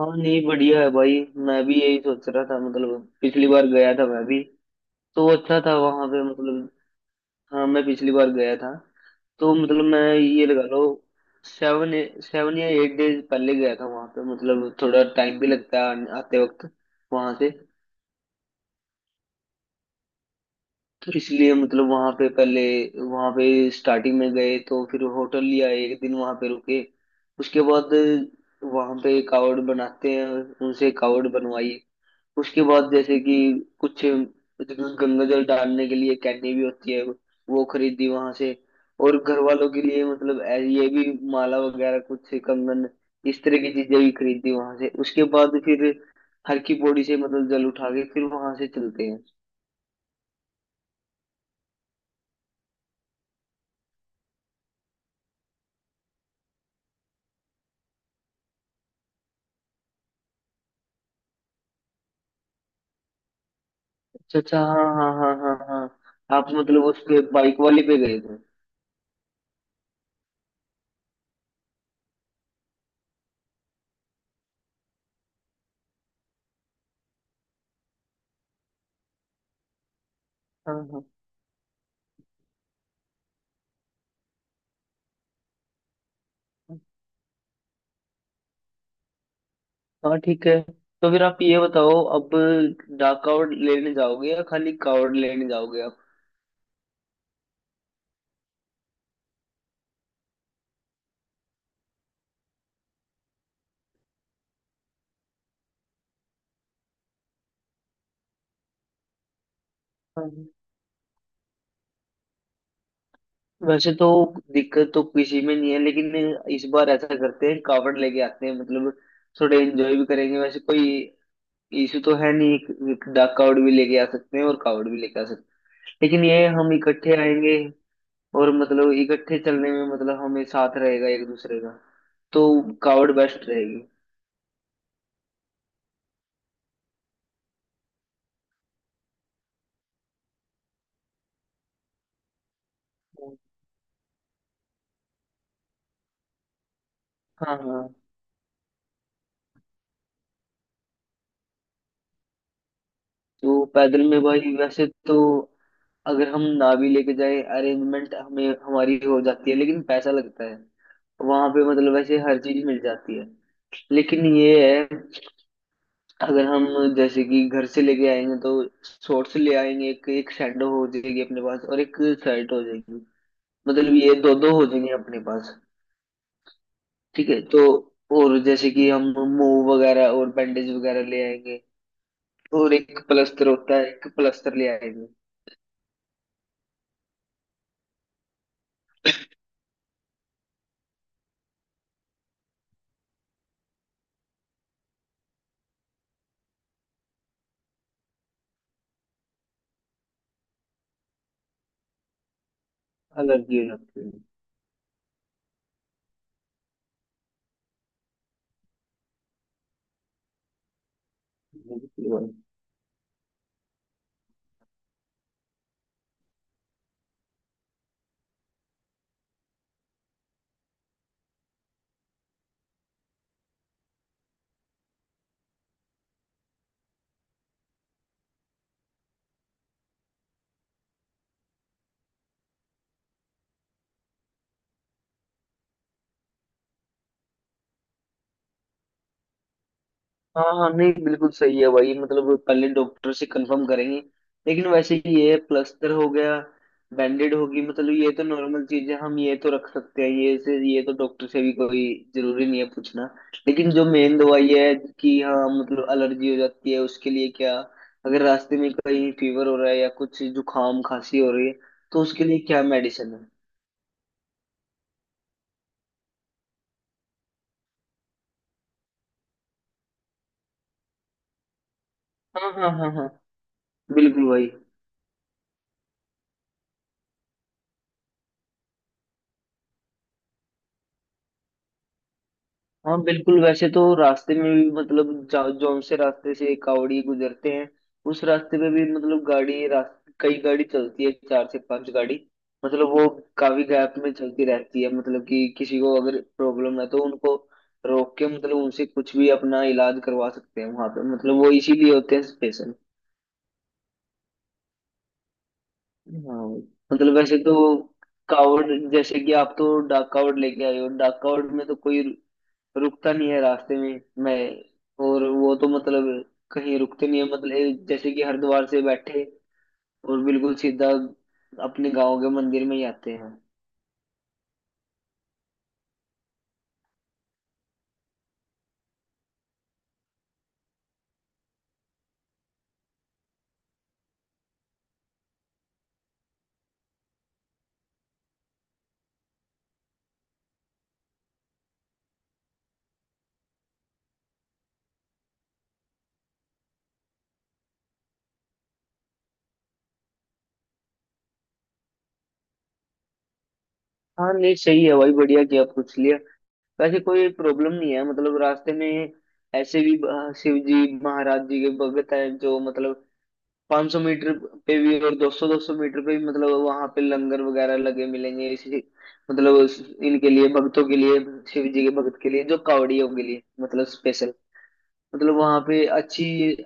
हाँ नहीं बढ़िया है भाई। मैं भी यही सोच रहा था, मतलब पिछली बार गया था मैं भी तो अच्छा था वहां पे। मतलब हाँ, मैं पिछली बार गया था तो मतलब मैं ये लगा लो सेवन सेवन या एट डेज पहले गया था वहां पे। मतलब थोड़ा टाइम भी लगता है आते वक्त वहां से। तो इसलिए मतलब वहां पे पहले, वहां पे स्टार्टिंग में गए तो फिर होटल लिया, एक दिन वहां पे रुके। उसके बाद वहां पे कावड़ बनाते हैं, उनसे कावड़ बनवाई। उसके बाद जैसे कि कुछ गंगा जल डालने के लिए कैनी भी होती है, वो खरीदी वहां से। और घर वालों के लिए मतलब ये भी माला वगैरह, कुछ कंगन, इस तरह की चीजें भी खरीदी वहां से। उसके बाद फिर हर की पौड़ी से मतलब जल उठा के फिर वहां से चलते हैं। अच्छा अच्छा, हाँ हाँ हाँ हाँ हाँ, आप मतलब उस पे बाइक वाले पे गए थे। हाँ हाँ हाँ हाँ, ठीक है। तो फिर आप ये बताओ, अब डाक कावड़ लेने जाओगे या खाली कावड़ लेने जाओगे। आप वैसे तो दिक्कत तो किसी में नहीं है, लेकिन इस बार ऐसा करते हैं कावड़ लेके आते हैं। मतलब थोड़े एंजॉय भी करेंगे, वैसे कोई इशू तो है नहीं। एक, एक डाक कावड़ भी लेके आ सकते हैं और कावड़ भी लेके आ सकते हैं, लेकिन ये हम इकट्ठे आएंगे। और मतलब इकट्ठे चलने में मतलब हमें साथ रहेगा एक दूसरे का। तो कावड़ बेस्ट रहेगी। हाँ हाँ। तो पैदल में भाई वैसे तो अगर हम नावी लेके जाए, अरेंजमेंट हमें हमारी हो जाती है लेकिन पैसा लगता है। वहां पे मतलब वैसे हर चीज मिल जाती है, लेकिन ये है अगर हम जैसे कि घर से लेके आएंगे तो शॉर्ट्स ले आएंगे, एक एक सैंडो हो जाएगी अपने पास, और एक शर्ट हो जाएगी। मतलब ये दो दो हो जाएंगे अपने पास। ठीक है तो और जैसे कि हम मूव वगैरह और बैंडेज वगैरह ले आएंगे, और एक प्लस्तर होता है, एक प्लस्तर ले आएंगे। अलग ही हो जाती है, बिल्कुल भाई। हाँ हाँ, नहीं बिल्कुल सही है भाई। मतलब पहले डॉक्टर से कंफर्म करेंगे, लेकिन वैसे ही ये प्लास्टर हो गया, बैंडेड होगी, मतलब ये तो नॉर्मल चीज है, हम ये तो रख सकते हैं। ये से ये तो डॉक्टर से भी कोई जरूरी नहीं है पूछना। लेकिन जो मेन दवाई है कि हाँ मतलब एलर्जी हो जाती है उसके लिए क्या, अगर रास्ते में कहीं फीवर हो रहा है या कुछ जुकाम खांसी हो रही है तो उसके लिए क्या मेडिसिन है। हाँ हाँ हाँ हाँ, बिल्कुल भाई। हाँ बिल्कुल, वैसे तो रास्ते में भी मतलब जौन से रास्ते से कावड़ी गुजरते हैं, उस रास्ते पे भी मतलब गाड़ी रास्ते कई गाड़ी चलती है, चार से पांच गाड़ी। मतलब वो काफी गैप में चलती रहती है। मतलब कि किसी को अगर प्रॉब्लम है तो उनको रोक के मतलब उनसे कुछ भी अपना इलाज करवा सकते हैं। वहां पे मतलब वो इसीलिए होते हैं स्पेशल। हाँ। मतलब वैसे तो कावड़, जैसे कि आप तो डाक कावड़ लेके आए हो, डाक कावड़ में तो कोई रुकता नहीं है रास्ते में मैं। और वो तो मतलब कहीं रुकते नहीं है, मतलब जैसे कि हरिद्वार से बैठे और बिल्कुल सीधा अपने गांव के मंदिर में ही आते हैं। हाँ नहीं, सही है भाई, बढ़िया किया आप पूछ लिया। वैसे कोई प्रॉब्लम नहीं है मतलब रास्ते में। ऐसे भी शिव जी महाराज जी के भगत हैं जो मतलब 500 मीटर पे भी और 200 200 मीटर पे भी मतलब वहां पे लंगर वगैरह लगे मिलेंगे। इसी मतलब इनके लिए, भक्तों के लिए, शिव जी के भगत के लिए, जो कावड़ियों के लिए मतलब स्पेशल। मतलब वहां पे अच्छी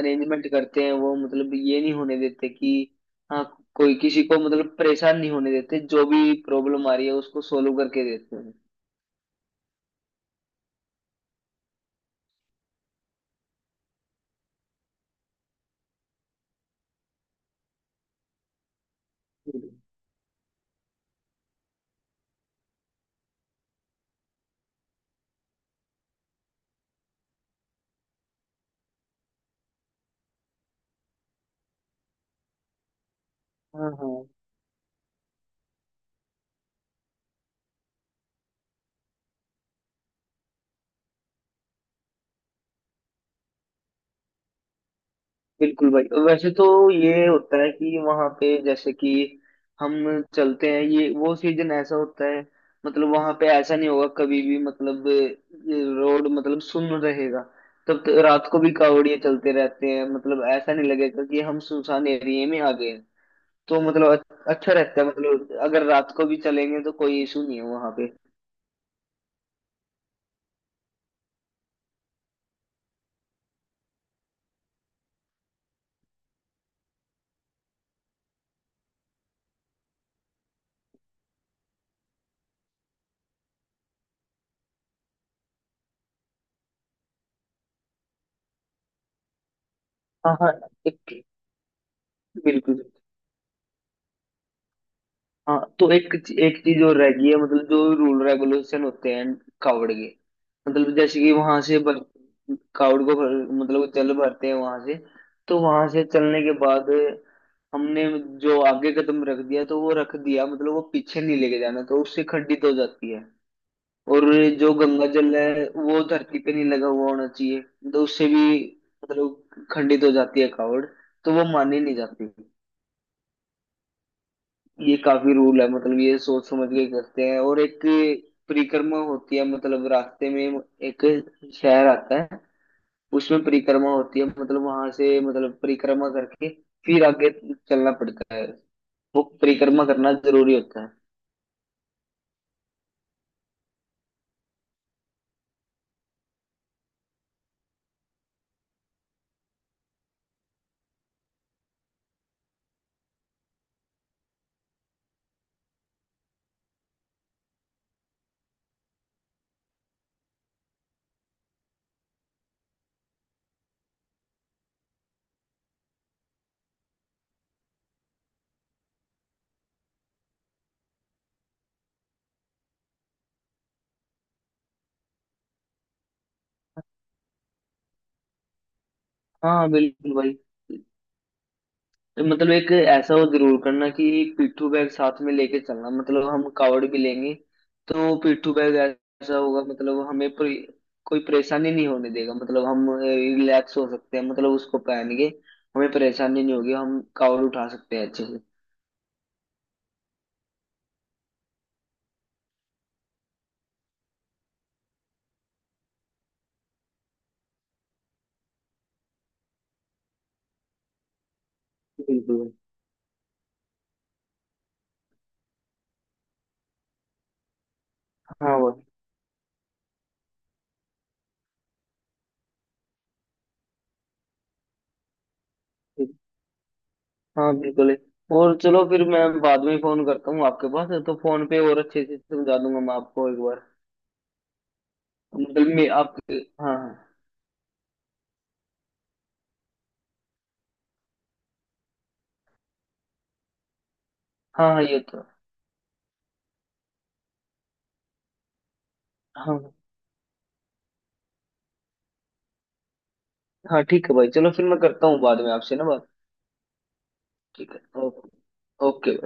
अरेंजमेंट करते हैं वो। मतलब ये नहीं होने देते कि, हाँ, कोई किसी को मतलब परेशान नहीं होने देते। जो भी प्रॉब्लम आ रही है उसको सोल्व करके देते हैं। हाँ हाँ, बिल्कुल भाई। तो वैसे तो ये होता है कि वहां पे जैसे कि हम चलते हैं, ये वो सीजन ऐसा होता है मतलब वहां पे ऐसा नहीं होगा कभी भी। मतलब रोड मतलब सुन रहेगा, तब तो रात को भी कावड़िए चलते रहते हैं। मतलब ऐसा नहीं लगेगा कि हम सुनसान एरिया में आ गए हैं। तो मतलब अच्छा रहता है, मतलब अगर रात को भी चलेंगे तो कोई इशू नहीं है वहां पे। हाँ हाँ, एक बिल्कुल। हाँ, तो एक एक चीज और रह गई है मतलब जो रूल रेगुलेशन होते हैं कावड़ के। मतलब जैसे कि वहां से कावड़ को मतलब चल भरते हैं वहां से। तो वहां से चलने के बाद हमने जो आगे कदम रख दिया तो वो रख दिया, मतलब वो पीछे नहीं लेके जाना, तो उससे खंडित हो जाती है। और जो गंगा जल है वो धरती पे नहीं लगा हुआ होना चाहिए, तो उससे भी मतलब खंडित हो जाती है कावड़, तो वो मानी नहीं जाती। ये काफी रूल है मतलब ये सोच समझ के करते हैं। और एक परिक्रमा होती है मतलब रास्ते में एक शहर आता है, उसमें परिक्रमा होती है मतलब वहां से मतलब परिक्रमा करके फिर आगे चलना पड़ता है। वो परिक्रमा करना जरूरी होता है। हाँ बिल्कुल भाई। मतलब एक ऐसा वो जरूर करना कि पिट्ठू बैग साथ में लेके चलना, मतलब हम कावड़ भी लेंगे तो पिट्ठू बैग ऐसा होगा मतलब हमें कोई परेशानी नहीं होने देगा। मतलब हम रिलैक्स हो सकते हैं, मतलब उसको पहन के हमें परेशानी नहीं होगी, हम कावड़ उठा सकते हैं अच्छे से। बिल्कुल। हाँ वो ठीक। हाँ बिल्कुल। और चलो, फिर मैं बाद में फोन करता हूँ आपके पास तो फोन पे और अच्छे से समझा दूंगा मैं आपको एक बार। मतलब मैं आप, हाँ हाँ हाँ हाँ, ये तो, हाँ हाँ, ठीक है भाई। चलो फिर मैं करता हूँ बाद में आपसे ना बात। ठीक है, ओके, ओके।